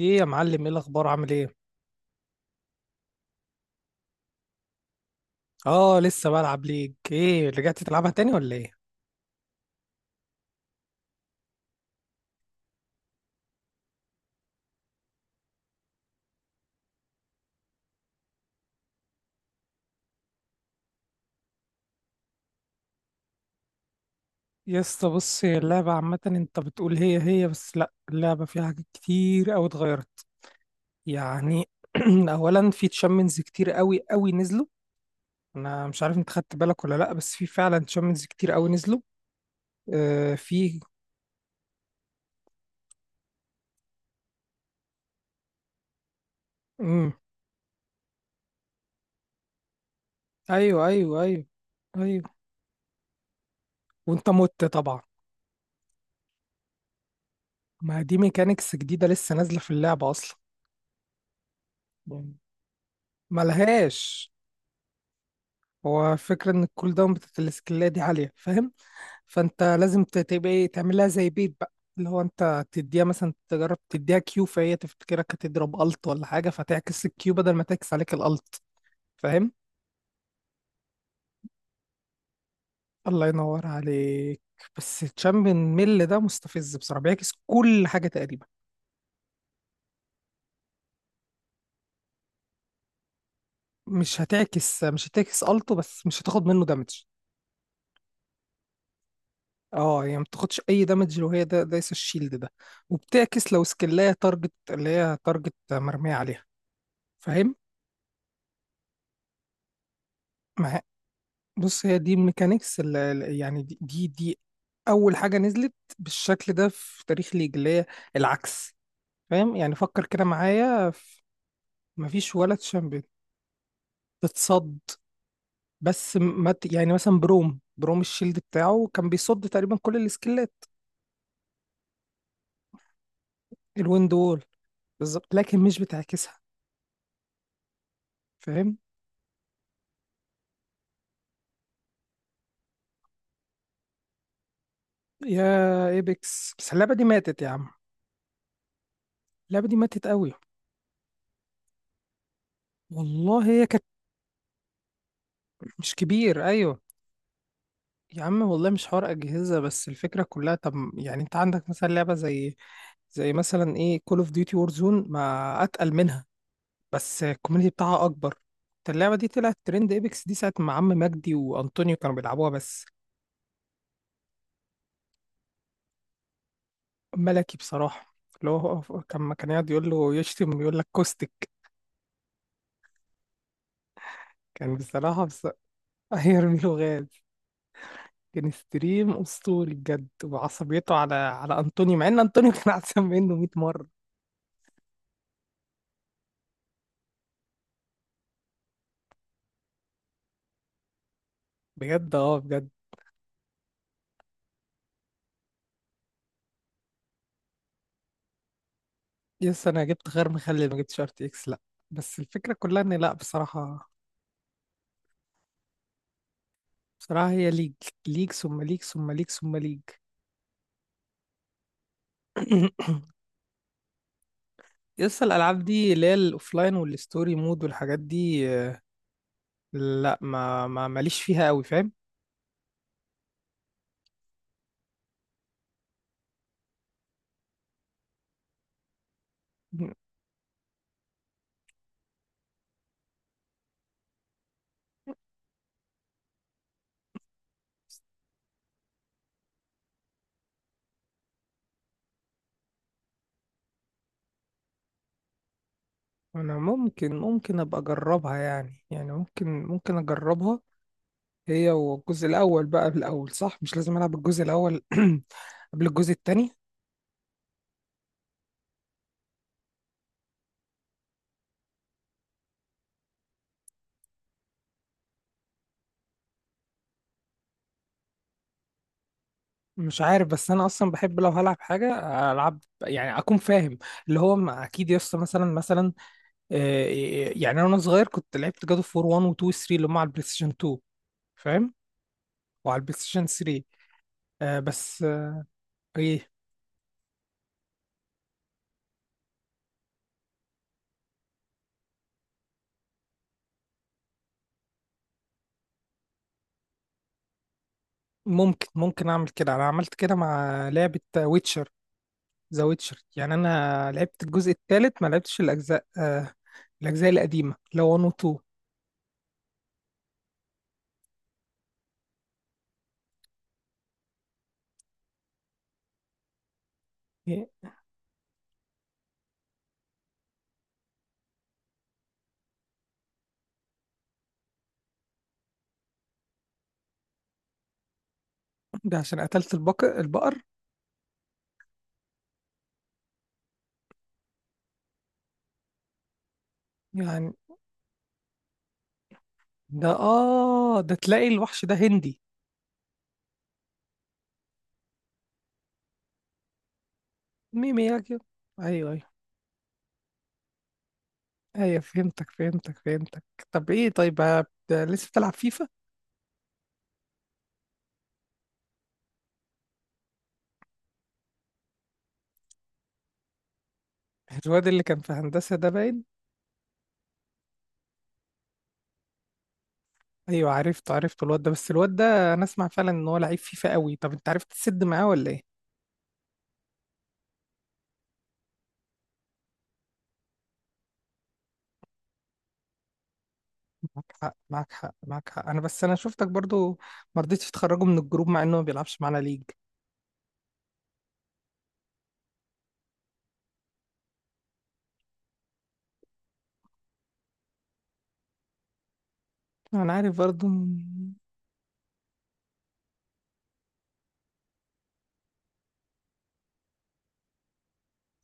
ايه يا معلم، ايه الاخبار؟ عامل ايه؟ اه، لسه بلعب ليج. ايه، رجعت تلعبها تاني ولا ايه؟ يا اسطى بص، هي اللعبه عامه انت بتقول هي هي، بس لا، اللعبه فيها حاجات كتير قوي اتغيرت يعني. اولا في تشامبيونز كتير قوي قوي نزلوا. انا مش عارف انت خدت بالك ولا لا، بس في فعلا تشامبيونز كتير قوي نزلوا. في. امم ايوه، ايوه، ايوه، ايوه. وانت مت طبعا. ما دي ميكانيكس جديده لسه نازله في اللعبه اصلا. مم. ملهاش. هو الفكرة إن الكول داون بتاعت السكيلات دي عالية، فاهم؟ فأنت لازم تبقى إيه، تعملها زي بيت بقى، اللي هو أنت تديها مثلا، تجرب تديها كيو، فهي تفتكرك هتضرب ألت ولا حاجة، فتعكس الكيو بدل ما تعكس عليك الألت. فاهم؟ الله ينور عليك. بس تشامبيون ميل ده مستفز بصراحة، بيعكس كل حاجة تقريبا. مش هتعكس ألته، بس مش هتاخد منه دامج. اه، يعني ما بتاخدش اي دامج لو هي ده دايس الشيلد ده، وبتعكس لو سكلاية تارجت اللي هي تارجت مرمية عليها. فاهم؟ ما بص، هي دي الميكانيكس يعني دي اول حاجه نزلت بالشكل ده في تاريخ ليج، اللي هي العكس. فاهم؟ يعني فكر كده معايا مفيش ولا تشامبيون بتصد. بس م- ما ت- يعني مثلا بروم الشيلد بتاعه كان بيصد تقريبا كل السكيلات. الويند وول بالظبط، لكن مش بتعكسها. فاهم؟ يا ايبكس بس، اللعبه دي ماتت يا عم. اللعبه دي ماتت قوي. والله هي كانت. مش كبير، ايوه. يا عم والله مش حوار أجهزة، بس الفكرة كلها. طب يعني أنت عندك مثلا لعبة زي، زي مثلا إيه، كول أوف ديوتي وورزون، ما أتقل منها، بس الكوميونتي بتاعها أكبر. أنت اللعبة دي طلعت ترند، إيبكس دي ساعة ما عم مجدي وأنطونيو كانوا بيلعبوها بس. ملكي بصراحة. اللي هو، هو كان ما كان يقعد يقول له، يشتم، يقول لك كوستك. كان بصراحة، بس هيرمي له غاز. كان ستريم أسطوري بجد، وعصبيته على على أنطونيو، مع إن أنطونيو كان أحسن منه 100 مرة. بجد، اه، بجد. يس، انا جبت غير مخلي، ما جبتش ار تي اكس لا. بس الفكره كلها ان لا، بصراحه. بصراحه، هي ليج. ليج ثم ليج ثم ليج ثم ليج. يس، الالعاب دي، اللي هي الاوفلاين والستوري مود والحاجات دي، لا، ما ما ماليش فيها قوي. فاهم؟ انا ممكن، ابقى اجربها يعني، يعني ممكن اجربها. هي والجزء الاول بقى بالاول، صح؟ مش لازم العب الجزء الاول قبل الجزء التاني. مش عارف، بس انا اصلا بحب لو هلعب حاجه العب يعني اكون فاهم. اللي هو اكيد، يس، مثلا، يعني انا وانا صغير كنت لعبت جاد اوف وور 1 و 2 و 3، اللي هم على البلاي ستيشن 2. فاهم؟ وعلى البلاي ستيشن 3. آه، بس آه، ايه. ممكن، اعمل كده، انا عملت كده مع لعبه ويتشر، ذا ويتشر. يعني انا لعبت الجزء الثالث، ما لعبتش الاجزاء الاجزاء القديمه اللي هو 1 و 2. إيه؟ ده عشان قتلت البقر يعني. ده اه، ده تلاقي الوحش ده هندي. ميمياجي. ايوه، ايوه. ايوه، فهمتك، فهمتك، فهمتك. طب ايه، طيب ده لسه بتلعب فيفا؟ الواد اللي كان في هندسة ده باين. ايوه، عرفته، عرفته الواد ده، بس الواد ده انا اسمع فعلا ان هو لعيب فيفا قوي. طب انت عرفت تسد معاه ولا ايه؟ معاك حق، معاك حق، معاك حق. انا بس، انا شفتك برضو ما رضيتش تخرجه من الجروب مع انه ما بيلعبش معانا ليج. انا عارف برضو.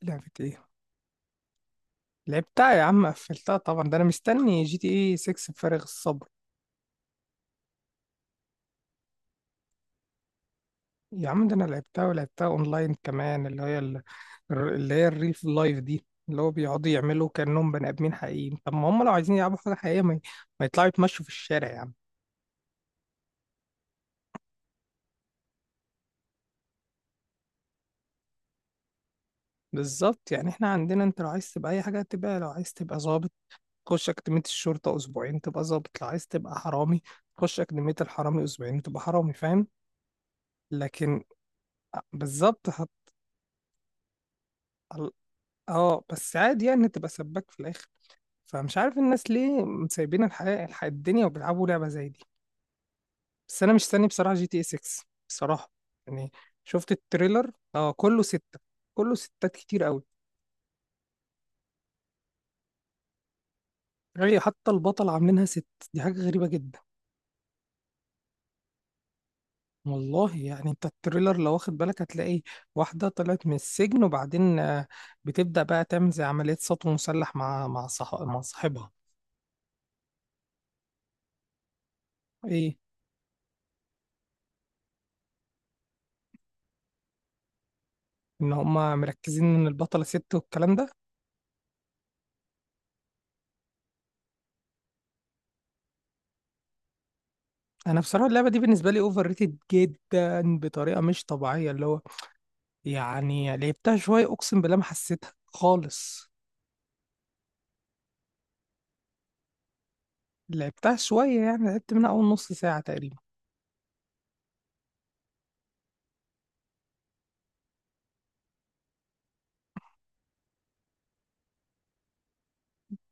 لعبة ايه؟ لعبتها يا عم، قفلتها طبعا، ده انا مستني جي تي اي 6 بفارغ الصبر. يا عم، ده انا لعبتها، ولعبتها اونلاين كمان، اللي هي اللي هي الريل في اللايف دي، اللي هو بيقعدوا يعملوا كأنهم بني ادمين حقيقيين. طب ما هم لو عايزين يلعبوا حاجة حقيقية، ما يطلعوا يتمشوا في الشارع يا عم. بالظبط، يعني احنا عندنا، انت لو عايز تبقى اي حاجة تبقى، لو عايز تبقى ظابط تخش أكاديمية الشرطة أسبوعين تبقى ظابط، لو عايز تبقى حرامي تخش أكاديمية الحرامي أسبوعين تبقى حرامي. فاهم؟ لكن بالظبط، ال- اه، بس عادي يعني تبقى سباك في الآخر. فمش عارف الناس ليه سايبين الحياة، الدنيا، وبيلعبوا لعبة زي دي. بس انا مستني بصراحه جي تي اي 6 بصراحه يعني. شفت التريلر؟ اه، كله ستة، كله ستات كتير قوي. هي حتى البطل عاملينها ست. دي حاجه غريبه جدا. والله يعني انت التريلر لو واخد بالك هتلاقي واحده طلعت من السجن وبعدين بتبدا بقى تعمل زي عمليه سطو مسلح مع مع صاحبها. ايه، ان هما مركزين ان البطله ست والكلام ده. انا بصراحه اللعبه دي بالنسبه لي اوفر ريتد جدا بطريقه مش طبيعيه. اللي هو يعني لعبتها شوية، أقسم بالله ما حسيتها خالص. لعبتها شوية، يعني لعبت منها أول نص ساعة تقريبا.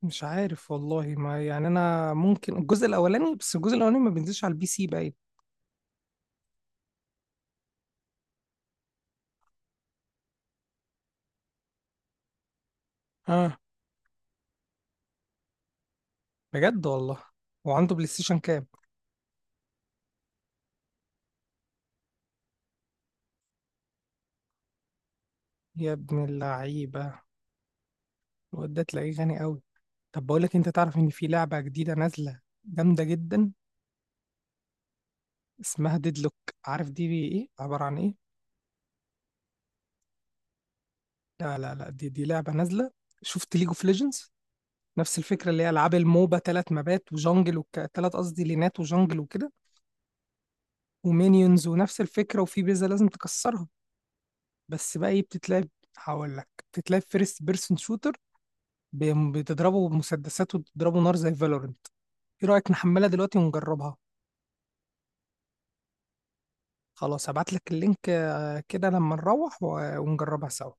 مش عارف والله، ما، يعني أنا ممكن الجزء الأولاني، بس الجزء الأولاني ما بينزلش على البي سي باين. آه، بجد والله. وعنده بلاي ستيشن كام؟ يا ابن اللعيبة، الواد ده تلاقيه غني أوي. طب بقول لك، أنت تعرف إن في لعبة جديدة نازلة جامدة جدا؟ اسمها ديدلوك. عارف دي بي إيه عبارة عن إيه؟ لا لا لا، دي لعبة نازلة. شفت ليج اوف ليجندز؟ نفس الفكرة، اللي هي ألعاب الموبا، تلات، قصدي، لينات وجانجل وكده، ومينيونز ونفس الفكرة، وفي بيزا لازم تكسرها. بس بقى ايه بتتلعب؟ هقول لك بتتلعب فيرست بيرسون شوتر، بتضربه بمسدسات وتضربه نار زي فالورنت. ايه رأيك نحملها دلوقتي ونجربها؟ خلاص هبعت لك اللينك، كده لما نروح ونجربها سوا.